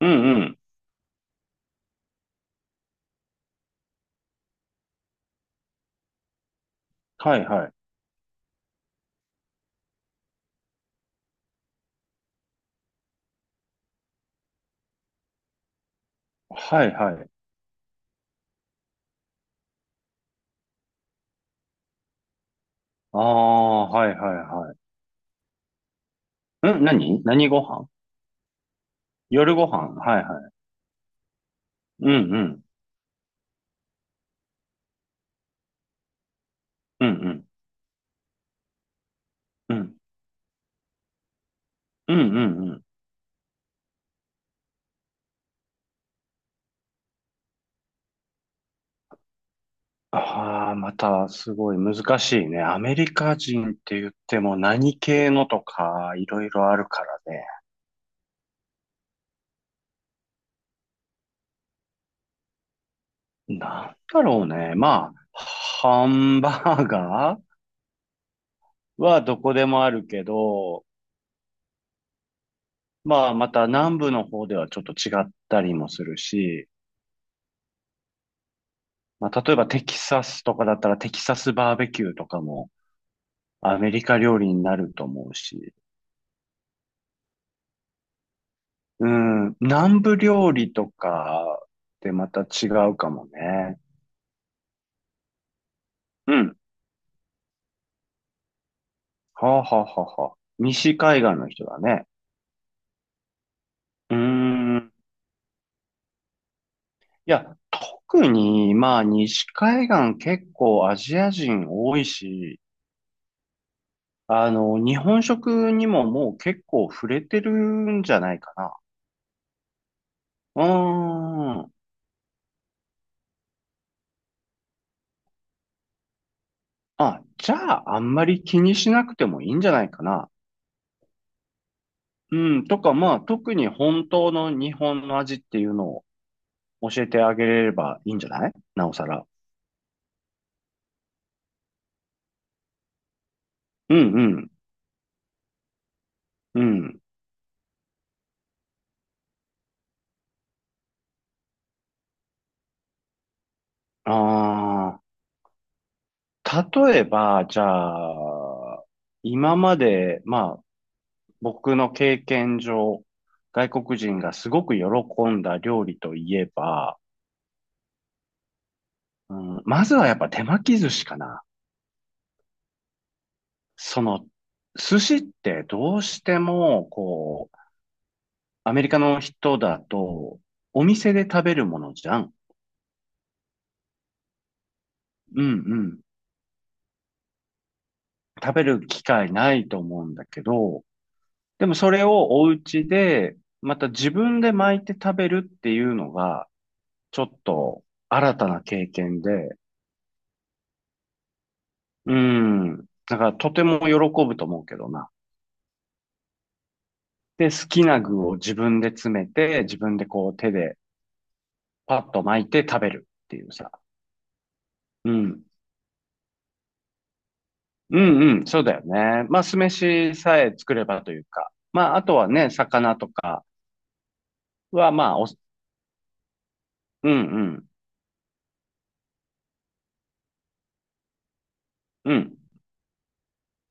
うんうん。はいはい。はいはい。ああ、はいはいはい。ん、何何ご飯？夜ご飯はいはい。うんうん。うんうん。うん。うんうんうん。ああ、またすごい難しいね。アメリカ人って言っても何系のとかいろいろあるからね。なんだろうね。まあ、ハンバーガーはどこでもあるけど、まあまた南部の方ではちょっと違ったりもするし、まあ、例えばテキサスとかだったらテキサスバーベキューとかもアメリカ料理になると思うし、うん、南部料理とかってまた違うかもね。うん。はあ、はあはあはあ、西海岸の人だね。うーん。いや、特に、まあ、西海岸結構アジア人多いし、日本食にももう結構触れてるんじゃないかな。うーん。あ、じゃあ、あんまり気にしなくてもいいんじゃないかな。うん、とか、まあ、特に本当の日本の味っていうのを教えてあげれればいいんじゃないなおさら。うん、うん、うん。ああ、例えば、じゃあ、今まで、まあ、僕の経験上、外国人がすごく喜んだ料理といえば、うん、まずはやっぱ手巻き寿司かな。その、寿司ってどうしても、こう、アメリカの人だと、お店で食べるものじゃん。うんうん。食べる機会ないと思うんだけど、でもそれをお家で、また自分で巻いて食べるっていうのが、ちょっと新たな経験で、うん。だからとても喜ぶと思うけどな。で、好きな具を自分で詰めて、自分でこう手でパッと巻いて食べるっていうさ。うん。うんうん、そうだよね。まあ、酢飯さえ作ればというか。まあ、あとはね、魚とかは、まあ、お、うんうん、うん、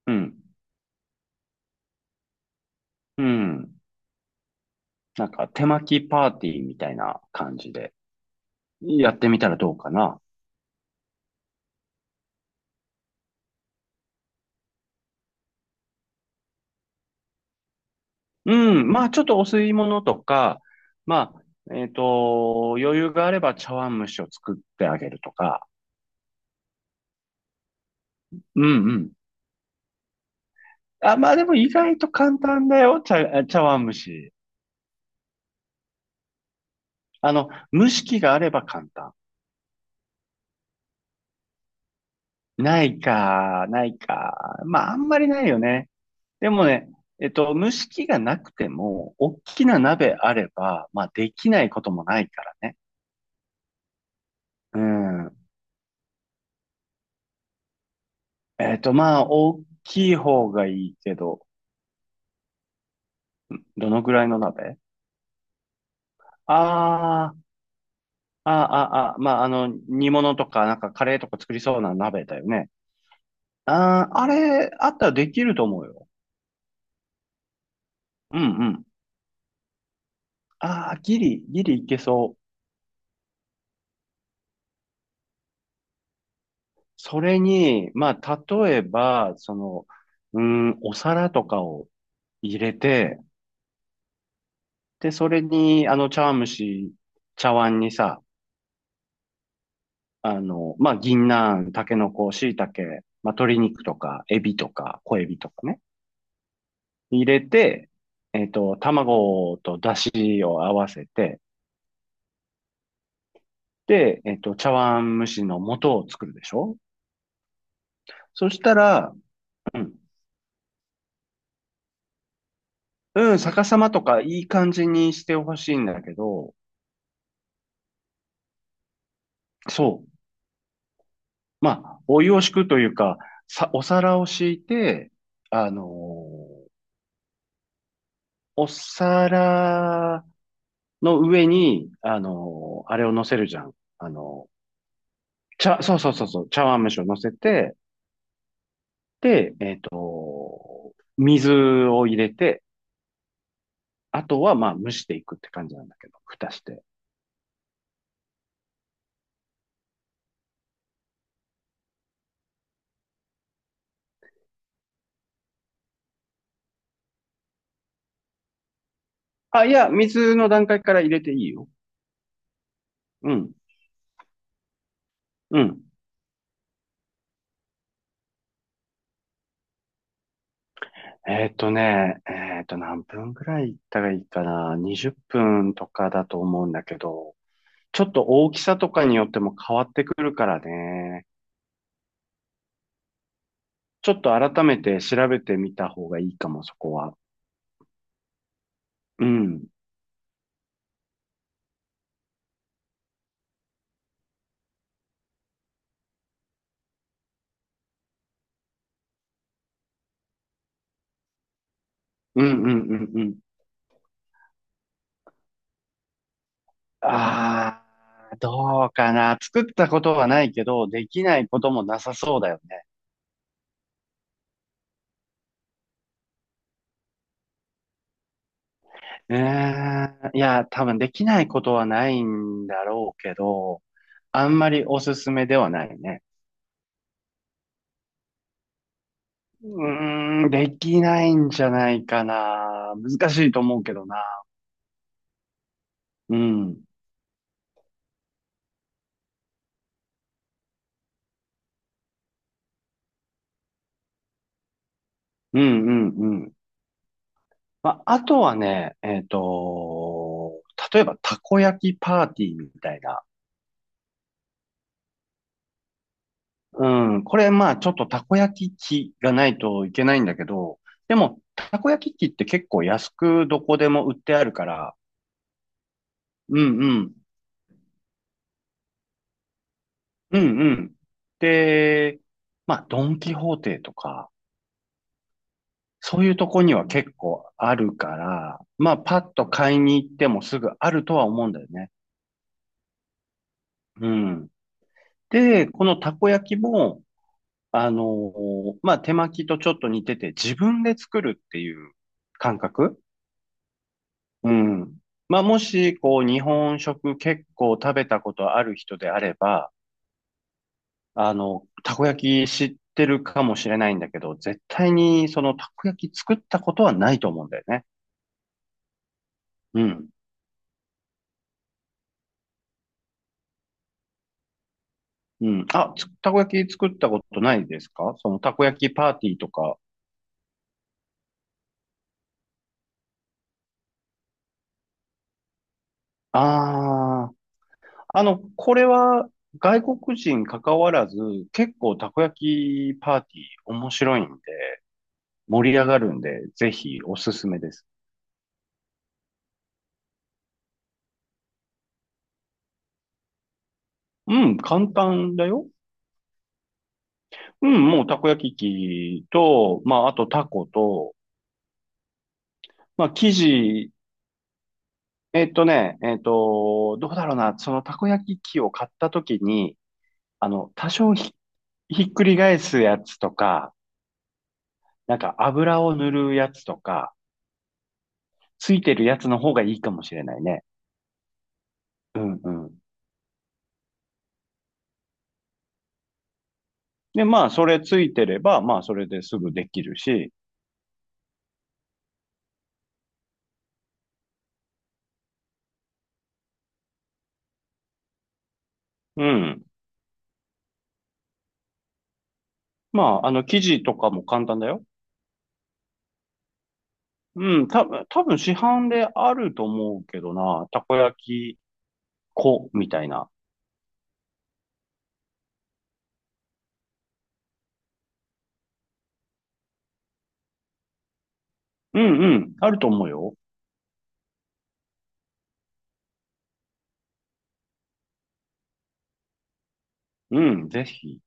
うん、うん。なんか、手巻きパーティーみたいな感じで、やってみたらどうかな。うん、まあ、ちょっとお吸い物とか、まあ、余裕があれば茶碗蒸しを作ってあげるとか。うんうん。あ、まあでも意外と簡単だよ、茶碗蒸し。蒸し器があれば簡単。ないか、ないか。まあ、あんまりないよね。でもね、蒸し器がなくても、大きな鍋あれば、まあ、できないこともないからね。うん。えっと、まあ、大きい方がいいけど、どのぐらいの鍋、あー、あー、あー、あー、まあ、煮物とか、なんかカレーとか作りそうな鍋だよね。あー、あれ、あったらできると思うよ。うんうん。ああ、ギリ、ギリいけそう。それに、まあ、例えば、その、うーん、お皿とかを入れて、で、それに、茶碗蒸し、茶碗にさ、まあ、銀杏、タケノコ、椎茸、まあ、鶏肉とか、エビとか、小エビとかね、入れて、卵と出汁を合わせて、で、茶碗蒸しの素を作るでしょ？そしたら、うん、うん、逆さまとかいい感じにしてほしいんだけど、そう。まあ、お湯を敷くというか、さ、お皿を敷いて、あのーお皿の上に、あれを乗せるじゃん。あのー茶、そうそうそうそう、茶碗蒸しを乗せて、で、水を入れて、あとはまあ蒸していくって感じなんだけど、蓋して。あ、いや、水の段階から入れていいよ。うん、うん。えっとね、えっと、何分くらい行ったらいいかな。20分とかだと思うんだけど、ちょっと大きさとかによっても変わってくるからね。ちょっと改めて調べてみた方がいいかも、そこは。うん。うんうんうんうん。ああ、どうかな。作ったことはないけど、できないこともなさそうだよね。えー、いや、多分できないことはないんだろうけど、あんまりおすすめではないね。うーん、できないんじゃないかな。難しいと思うけどな。うん。うんうんうん、まあ、あとはね、例えばたこ焼きパーティーみたいな。うん、これまあちょっとたこ焼き器がないといけないんだけど、でもたこ焼き器って結構安くどこでも売ってあるから、うんうん、うんうん。で、まあドンキホーテとか、そういうとこには結構あるから、まあパッと買いに行ってもすぐあるとは思うんだよね。うん。で、このたこ焼きも、まあ、手巻きとちょっと似てて、自分で作るっていう感覚。うん。まあ、もし、こう、日本食結構食べたことある人であれば、たこ焼き知ってるかもしれないんだけど、絶対にそのたこ焼き作ったことはないと思うんだよね。うん。うん。あ、つたこ焼き作ったことないですか？そのたこ焼きパーティーとか。あ、これは外国人関わらず、結構たこ焼きパーティー面白いんで、盛り上がるんで、ぜひおすすめです。うん、簡単だよ。うん、もうたこ焼き器と、まあ、あとタコと、まあ、生地、えっとね、えっと、どうだろうな、そのたこ焼き器を買った時に、多少ひ、ひっくり返すやつとか、なんか油を塗るやつとか、ついてるやつの方がいいかもしれないね。うんうん。で、まあ、それついてれば、まあ、それですぐできるし、うん。まあ、生地とかも簡単だよ。うん、た、多分市販であると思うけどな、たこ焼き粉みたいな。うんうん、あると思うよ。うん、ぜひ。